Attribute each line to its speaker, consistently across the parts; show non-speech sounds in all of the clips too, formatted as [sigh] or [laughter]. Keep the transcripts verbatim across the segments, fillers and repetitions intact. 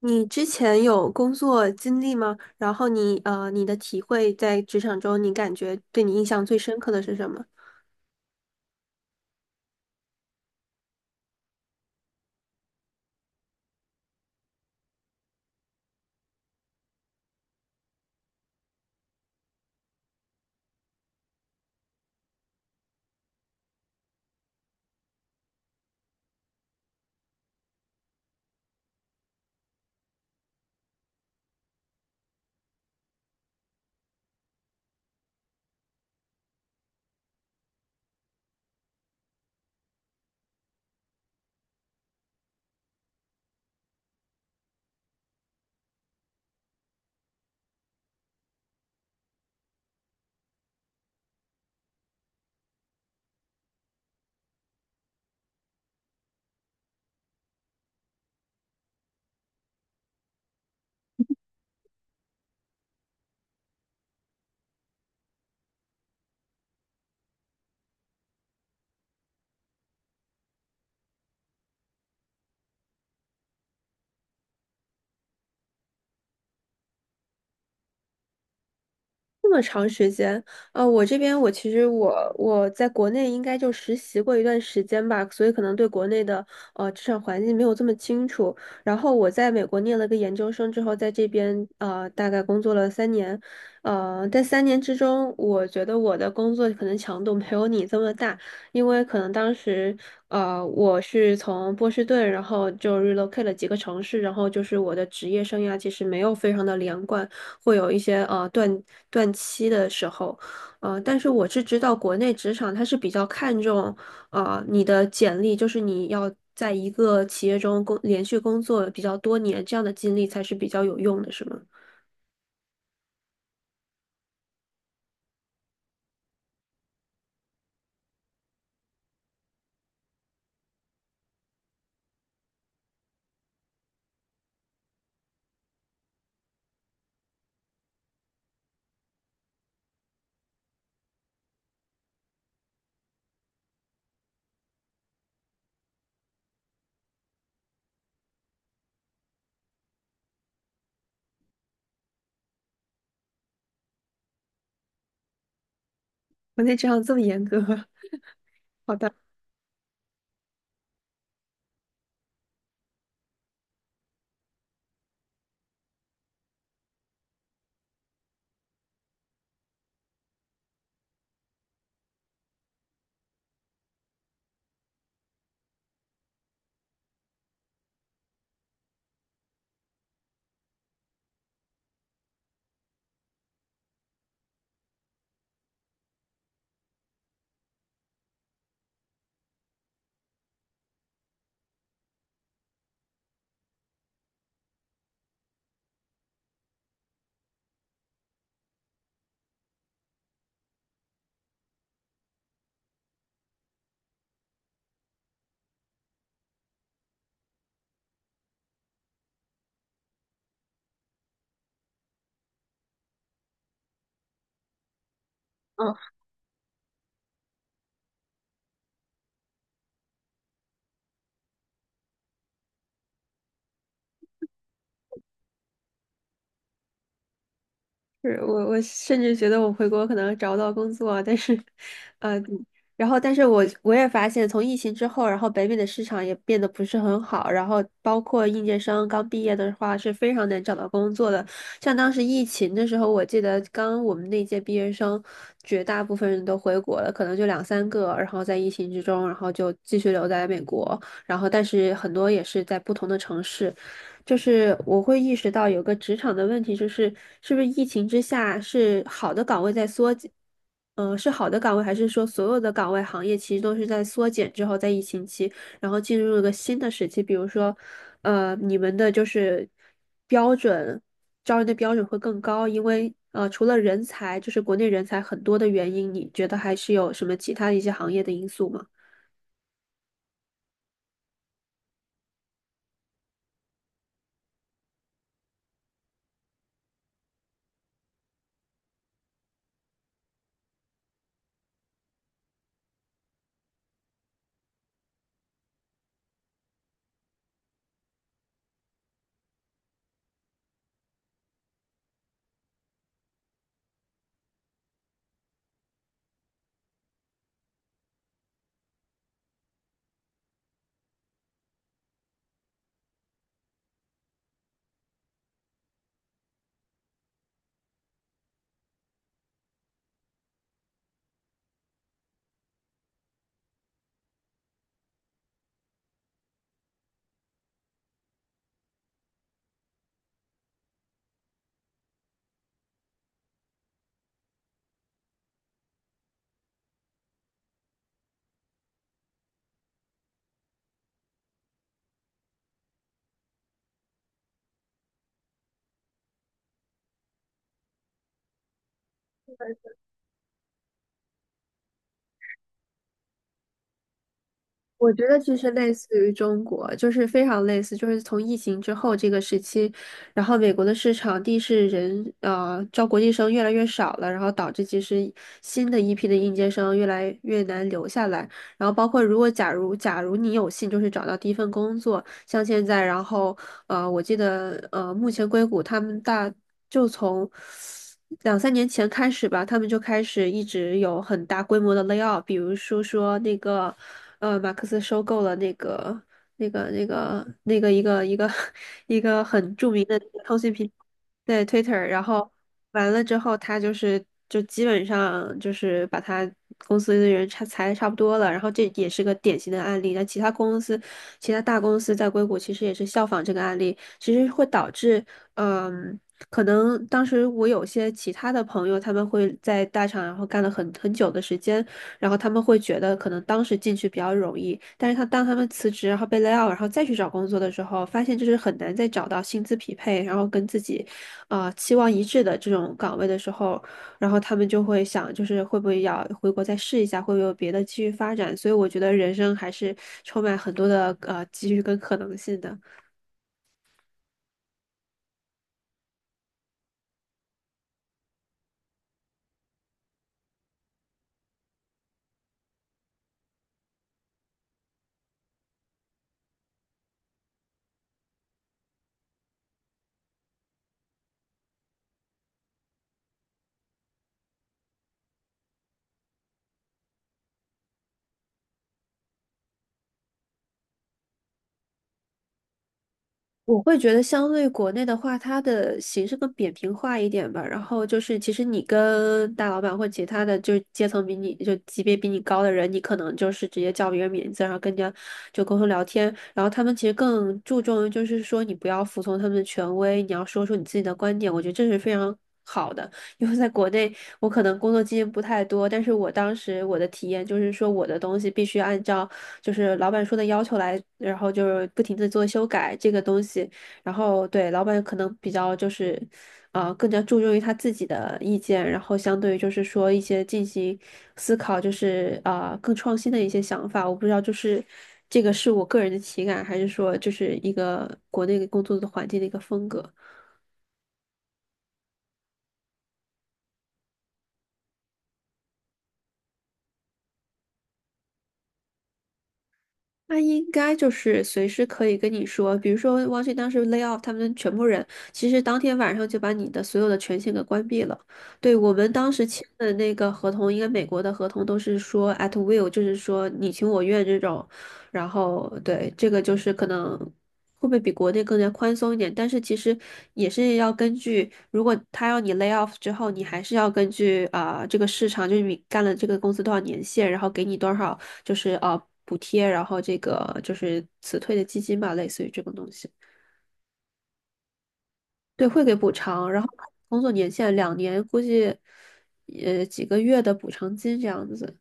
Speaker 1: 你之前有工作经历吗？然后你呃，你的体会在职场中，你感觉对你印象最深刻的是什么？这么长时间，呃，我这边我其实我我在国内应该就实习过一段时间吧，所以可能对国内的呃职场环境没有这么清楚。然后我在美国念了个研究生之后，在这边呃大概工作了三年，呃，在三年之中，我觉得我的工作可能强度没有你这么大，因为可能当时呃我是从波士顿，然后就 relocate 了几个城市，然后就是我的职业生涯其实没有非常的连贯。会有一些呃断断期的时候，呃，但是我是知道国内职场它是比较看重呃你的简历，就是你要在一个企业中工连续工作比较多年，这样的经历才是比较有用的，是吗？国内职场这么严格。[laughs] 是我，我甚至觉得我回国可能找不到工作啊，但是，呃，然后，但是我我也发现，从疫情之后，然后北美的市场也变得不是很好，然后包括应届生刚毕业的话是非常难找到工作的。像当时疫情的时候，我记得刚我们那届毕业生，绝大部分人都回国了，可能就两三个，然后在疫情之中，然后就继续留在美国，然后但是很多也是在不同的城市。就是我会意识到有个职场的问题，就是是不是疫情之下是好的岗位在缩减，嗯，是好的岗位，还是说所有的岗位行业其实都是在缩减之后，在疫情期，然后进入了个新的时期？比如说，呃，你们的就是标准，招人的标准会更高，因为呃，除了人才，就是国内人才很多的原因，你觉得还是有什么其他的一些行业的因素吗？我觉得其实类似于中国，就是非常类似，就是从疫情之后这个时期，然后美国的市场地是人呃招国际生越来越少了，然后导致其实新的一批的应届生越来越难留下来，然后包括如果假如假如你有幸就是找到第一份工作，像现在，然后呃，我记得呃，目前硅谷他们大就从两三年前开始吧，他们就开始一直有很大规模的 layoff，比如说说那个呃，马克思收购了那个那个那个那个一个一个 [laughs] 一个很著名的通讯平台，对 Twitter，然后。完了之后，他就是就基本上就是把他公司的人差裁的差不多了，然后这也是个典型的案例。那其他公司、其他大公司在硅谷其实也是效仿这个案例，其实会导致，嗯，可能当时我有些其他的朋友，他们会在大厂然后干了很很久的时间，然后他们会觉得可能当时进去比较容易，但是他当他们辞职然后被 lay out，然后再去找工作的时候，发现就是很难再找到薪资匹配，然后跟自己。啊，期望一致的这种岗位的时候，然后他们就会想，就是会不会要回国再试一下，会不会有别的继续发展？所以我觉得人生还是充满很多的呃机遇跟可能性的。我会觉得相对国内的话，它的形式更扁平化一点吧。然后就是，其实你跟大老板或其他的就是阶层比你就级别比你高的人，你可能就是直接叫别人名字，然后跟人家就沟通聊天。然后他们其实更注重于就是说你不要服从他们的权威，你要说出你自己的观点。我觉得这是非常好的。因为在国内我可能工作经验不太多，但是我当时我的体验就是说，我的东西必须按照就是老板说的要求来，然后就是不停的做修改这个东西，然后对老板可能比较就是，呃，更加注重于他自己的意见，然后相对于就是说一些进行思考，就是啊、呃更创新的一些想法，我不知道就是。这个是我个人的体感，还是说就是一个国内工作的环境的一个风格？那应该就是随时可以跟你说，比如说汪迅当时 lay off 他们全部人，其实当天晚上就把你的所有的权限给关闭了。对，我们当时签的那个合同，应该美国的合同都是说 at will，就是说你情我愿这种。然后对，这个就是可能会不会比国内更加宽松一点，但是其实也是要根据，如果他要你 lay off 之后，你还是要根据啊、这个市场，就是你干了这个公司多少年限，然后给你多少。就是呃补贴，然后这个就是辞退的基金吧，类似于这种东西。对，会给补偿，然后工作年限两年，估计呃几个月的补偿金这样子。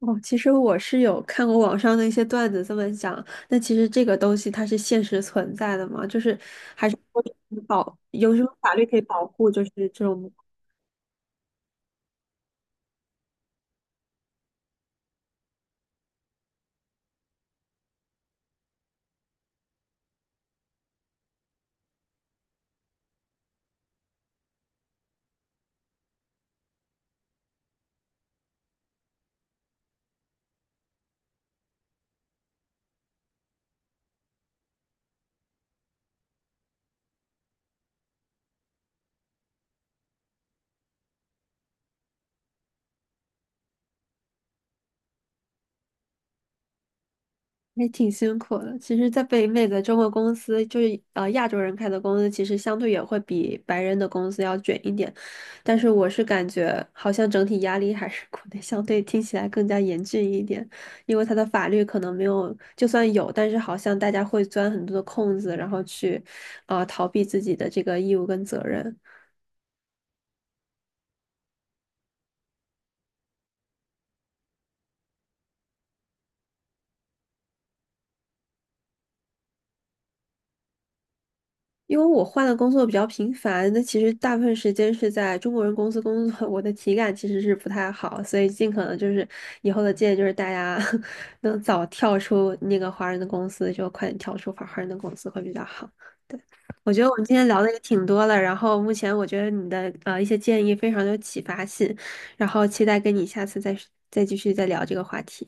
Speaker 1: 哦，其实我是有看过网上的一些段子这么讲，那其实这个东西它是现实存在的嘛，就是还是说保有什么法律可以保护，就是这种也挺辛苦的。其实，在北美的中国公司，就是呃亚洲人开的公司，其实相对也会比白人的公司要卷一点。但是，我是感觉好像整体压力还是国内相对听起来更加严峻一点，因为它的法律可能没有，就算有，但是好像大家会钻很多的空子，然后去呃逃避自己的这个义务跟责任。因为我换的工作比较频繁，那其实大部分时间是在中国人公司工作，[laughs] 我的体感其实是不太好，所以尽可能就是以后的建议就是大家 [laughs] 能早跳出那个华人的公司，就快点跳出华华人的公司会比较好。我觉得我们今天聊的也挺多了，然后目前我觉得你的呃一些建议非常有启发性，然后期待跟你下次再再继续再聊这个话题。